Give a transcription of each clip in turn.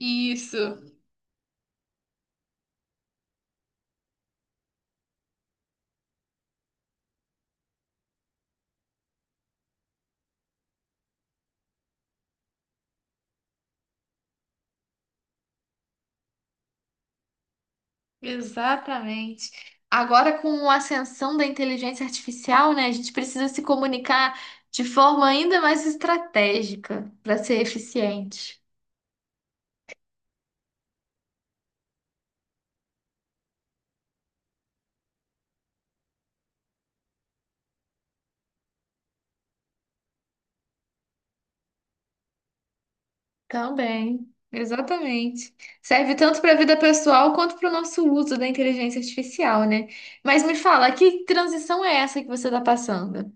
Isso, exatamente. Agora, com a ascensão da inteligência artificial, né, a gente precisa se comunicar de forma ainda mais estratégica para ser eficiente. Também, exatamente. Serve tanto para a vida pessoal quanto para o nosso uso da inteligência artificial, né? Mas me fala, que transição é essa que você está passando?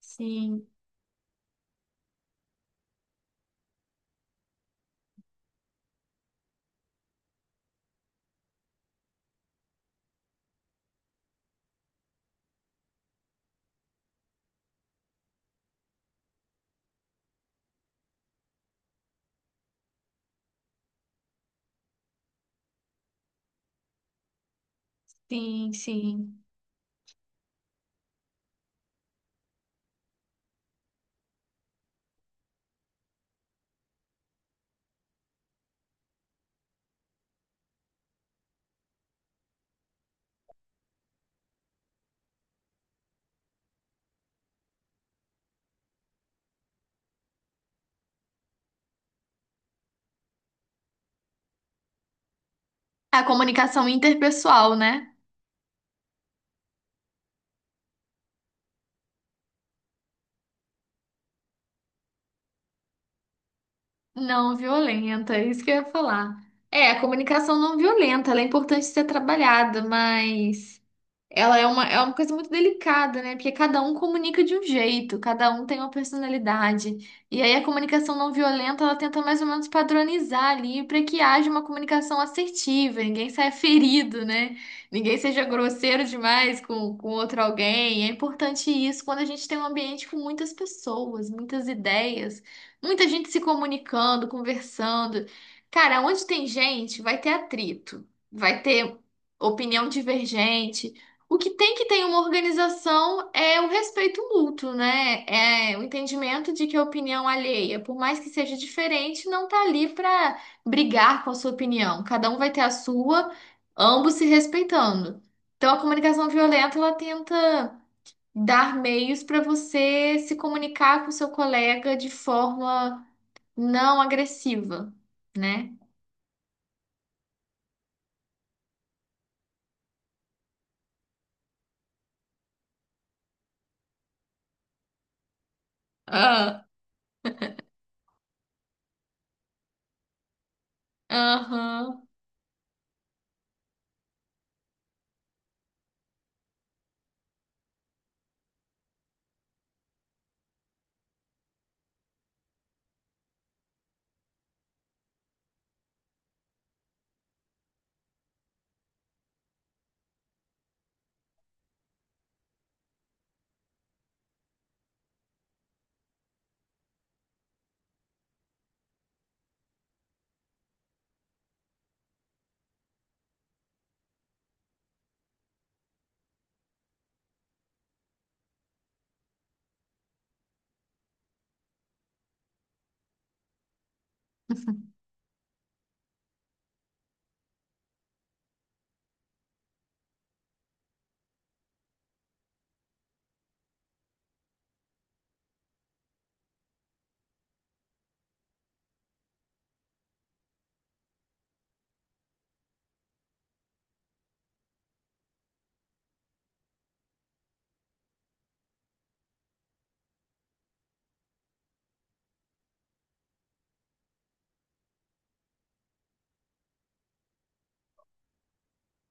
Sim, sim, sim. A comunicação interpessoal, né? Não violenta, é isso que eu ia falar. É, a comunicação não violenta, ela é importante ser trabalhada, mas ela é uma coisa muito delicada, né? Porque cada um comunica de um jeito, cada um tem uma personalidade. E aí a comunicação não violenta, ela tenta mais ou menos padronizar ali para que haja uma comunicação assertiva, ninguém saia ferido, né? Ninguém seja grosseiro demais com outro alguém. É importante isso quando a gente tem um ambiente com muitas pessoas, muitas ideias, muita gente se comunicando, conversando. Cara, onde tem gente, vai ter atrito, vai ter opinião divergente. O que tem que ter em uma organização é o respeito mútuo, né? É o entendimento de que a opinião alheia, por mais que seja diferente, não tá ali para brigar com a sua opinião. Cada um vai ter a sua, ambos se respeitando. Então a comunicação violenta, ela tenta dar meios para você se comunicar com seu colega de forma não agressiva, né? Ah, aham.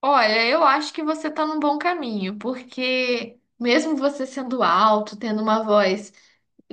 Olha, eu acho que você está num bom caminho, porque mesmo você sendo alto, tendo uma voz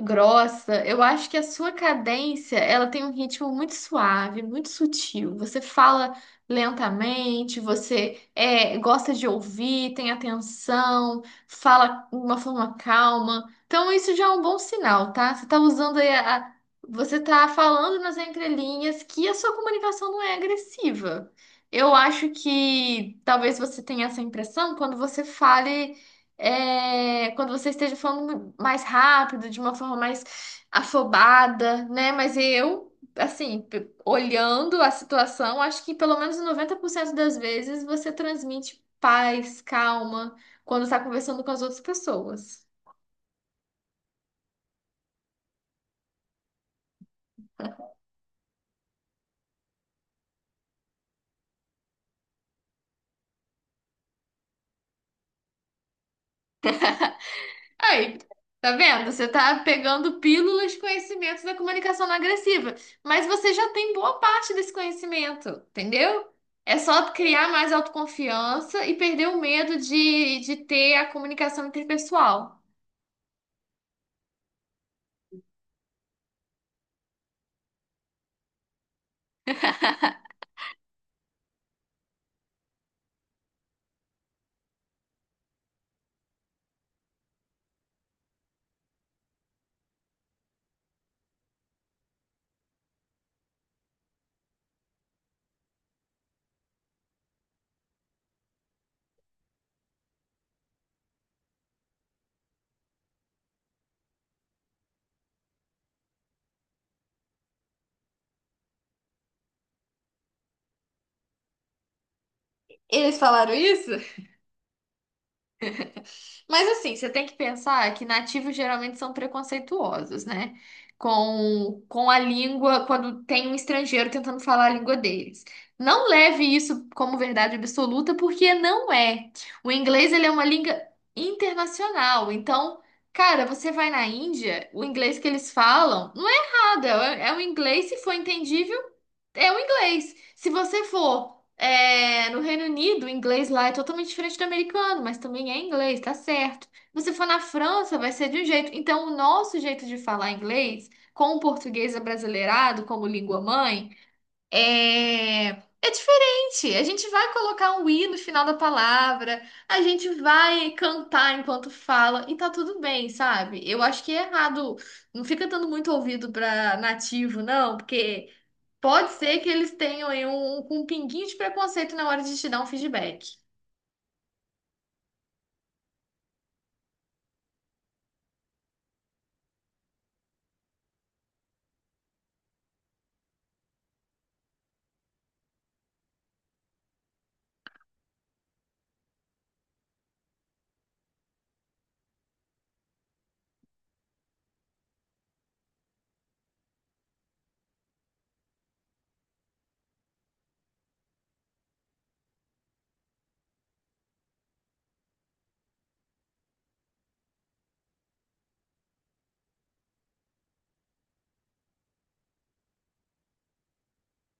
grossa, eu acho que a sua cadência, ela tem um ritmo muito suave, muito sutil. Você fala lentamente, você gosta de ouvir, tem atenção, fala de uma forma calma. Então isso já é um bom sinal, tá? Você tá usando você tá falando nas entrelinhas que a sua comunicação não é agressiva. Eu acho que talvez você tenha essa impressão quando você esteja falando mais rápido, de uma forma mais afobada, né? Mas eu, assim, olhando a situação, acho que pelo menos 90% das vezes você transmite paz, calma, quando está conversando com as outras pessoas. Aí, tá vendo? Você tá pegando pílulas de conhecimentos da comunicação não agressiva, mas você já tem boa parte desse conhecimento, entendeu? É só criar mais autoconfiança e perder o medo de ter a comunicação interpessoal. Eles falaram isso? Mas assim, você tem que pensar que nativos geralmente são preconceituosos, né? Com a língua, quando tem um estrangeiro tentando falar a língua deles. Não leve isso como verdade absoluta, porque não é. O inglês, ele é uma língua internacional. Então, cara, você vai na Índia, o inglês que eles falam não é errado, é o inglês, se for entendível, é o inglês. Se você for no Reino Unido, o inglês lá é totalmente diferente do americano, mas também é inglês, tá certo. Se você for na França, vai ser de um jeito. Então, o nosso jeito de falar inglês, com o português abrasileirado como língua mãe, é diferente. A gente vai colocar um i no final da palavra, a gente vai cantar enquanto fala, e tá tudo bem, sabe? Eu acho que é errado. Não fica dando muito ouvido pra nativo, não, porque. Pode ser que eles tenham aí um pinguinho de preconceito na hora de te dar um feedback.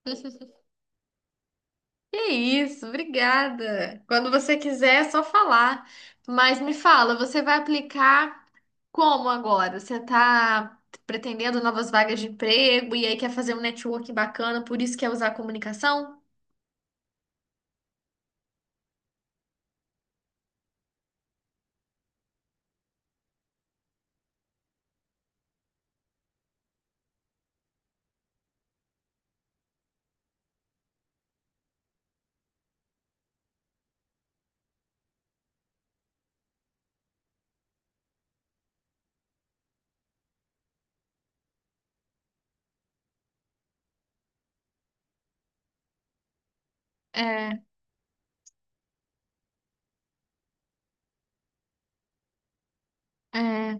Que isso, obrigada. Quando você quiser, é só falar. Mas me fala, você vai aplicar como agora? Você está pretendendo novas vagas de emprego e aí quer fazer um networking bacana, por isso quer usar a comunicação? É, é.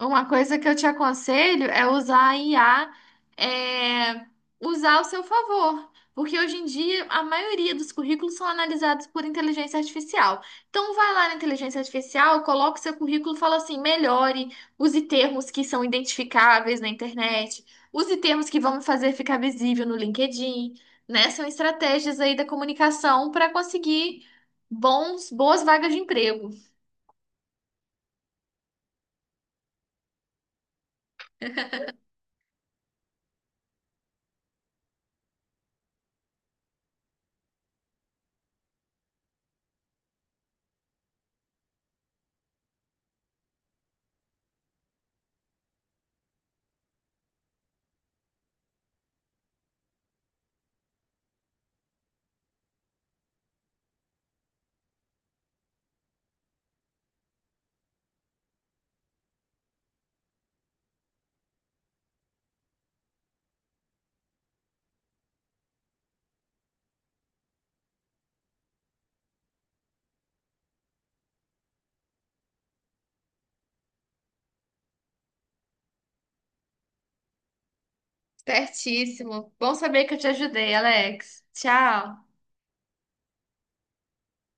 Uma coisa que eu te aconselho é usar a IA, é, usar ao seu favor. Porque hoje em dia a maioria dos currículos são analisados por inteligência artificial. Então vai lá na inteligência artificial, coloca o seu currículo e fala assim: melhore, use termos que são identificáveis na internet, use termos que vão me fazer ficar visível no LinkedIn, né? São estratégias aí da comunicação para conseguir boas vagas de emprego. Certíssimo. Bom saber que eu te ajudei, Alex. Tchau.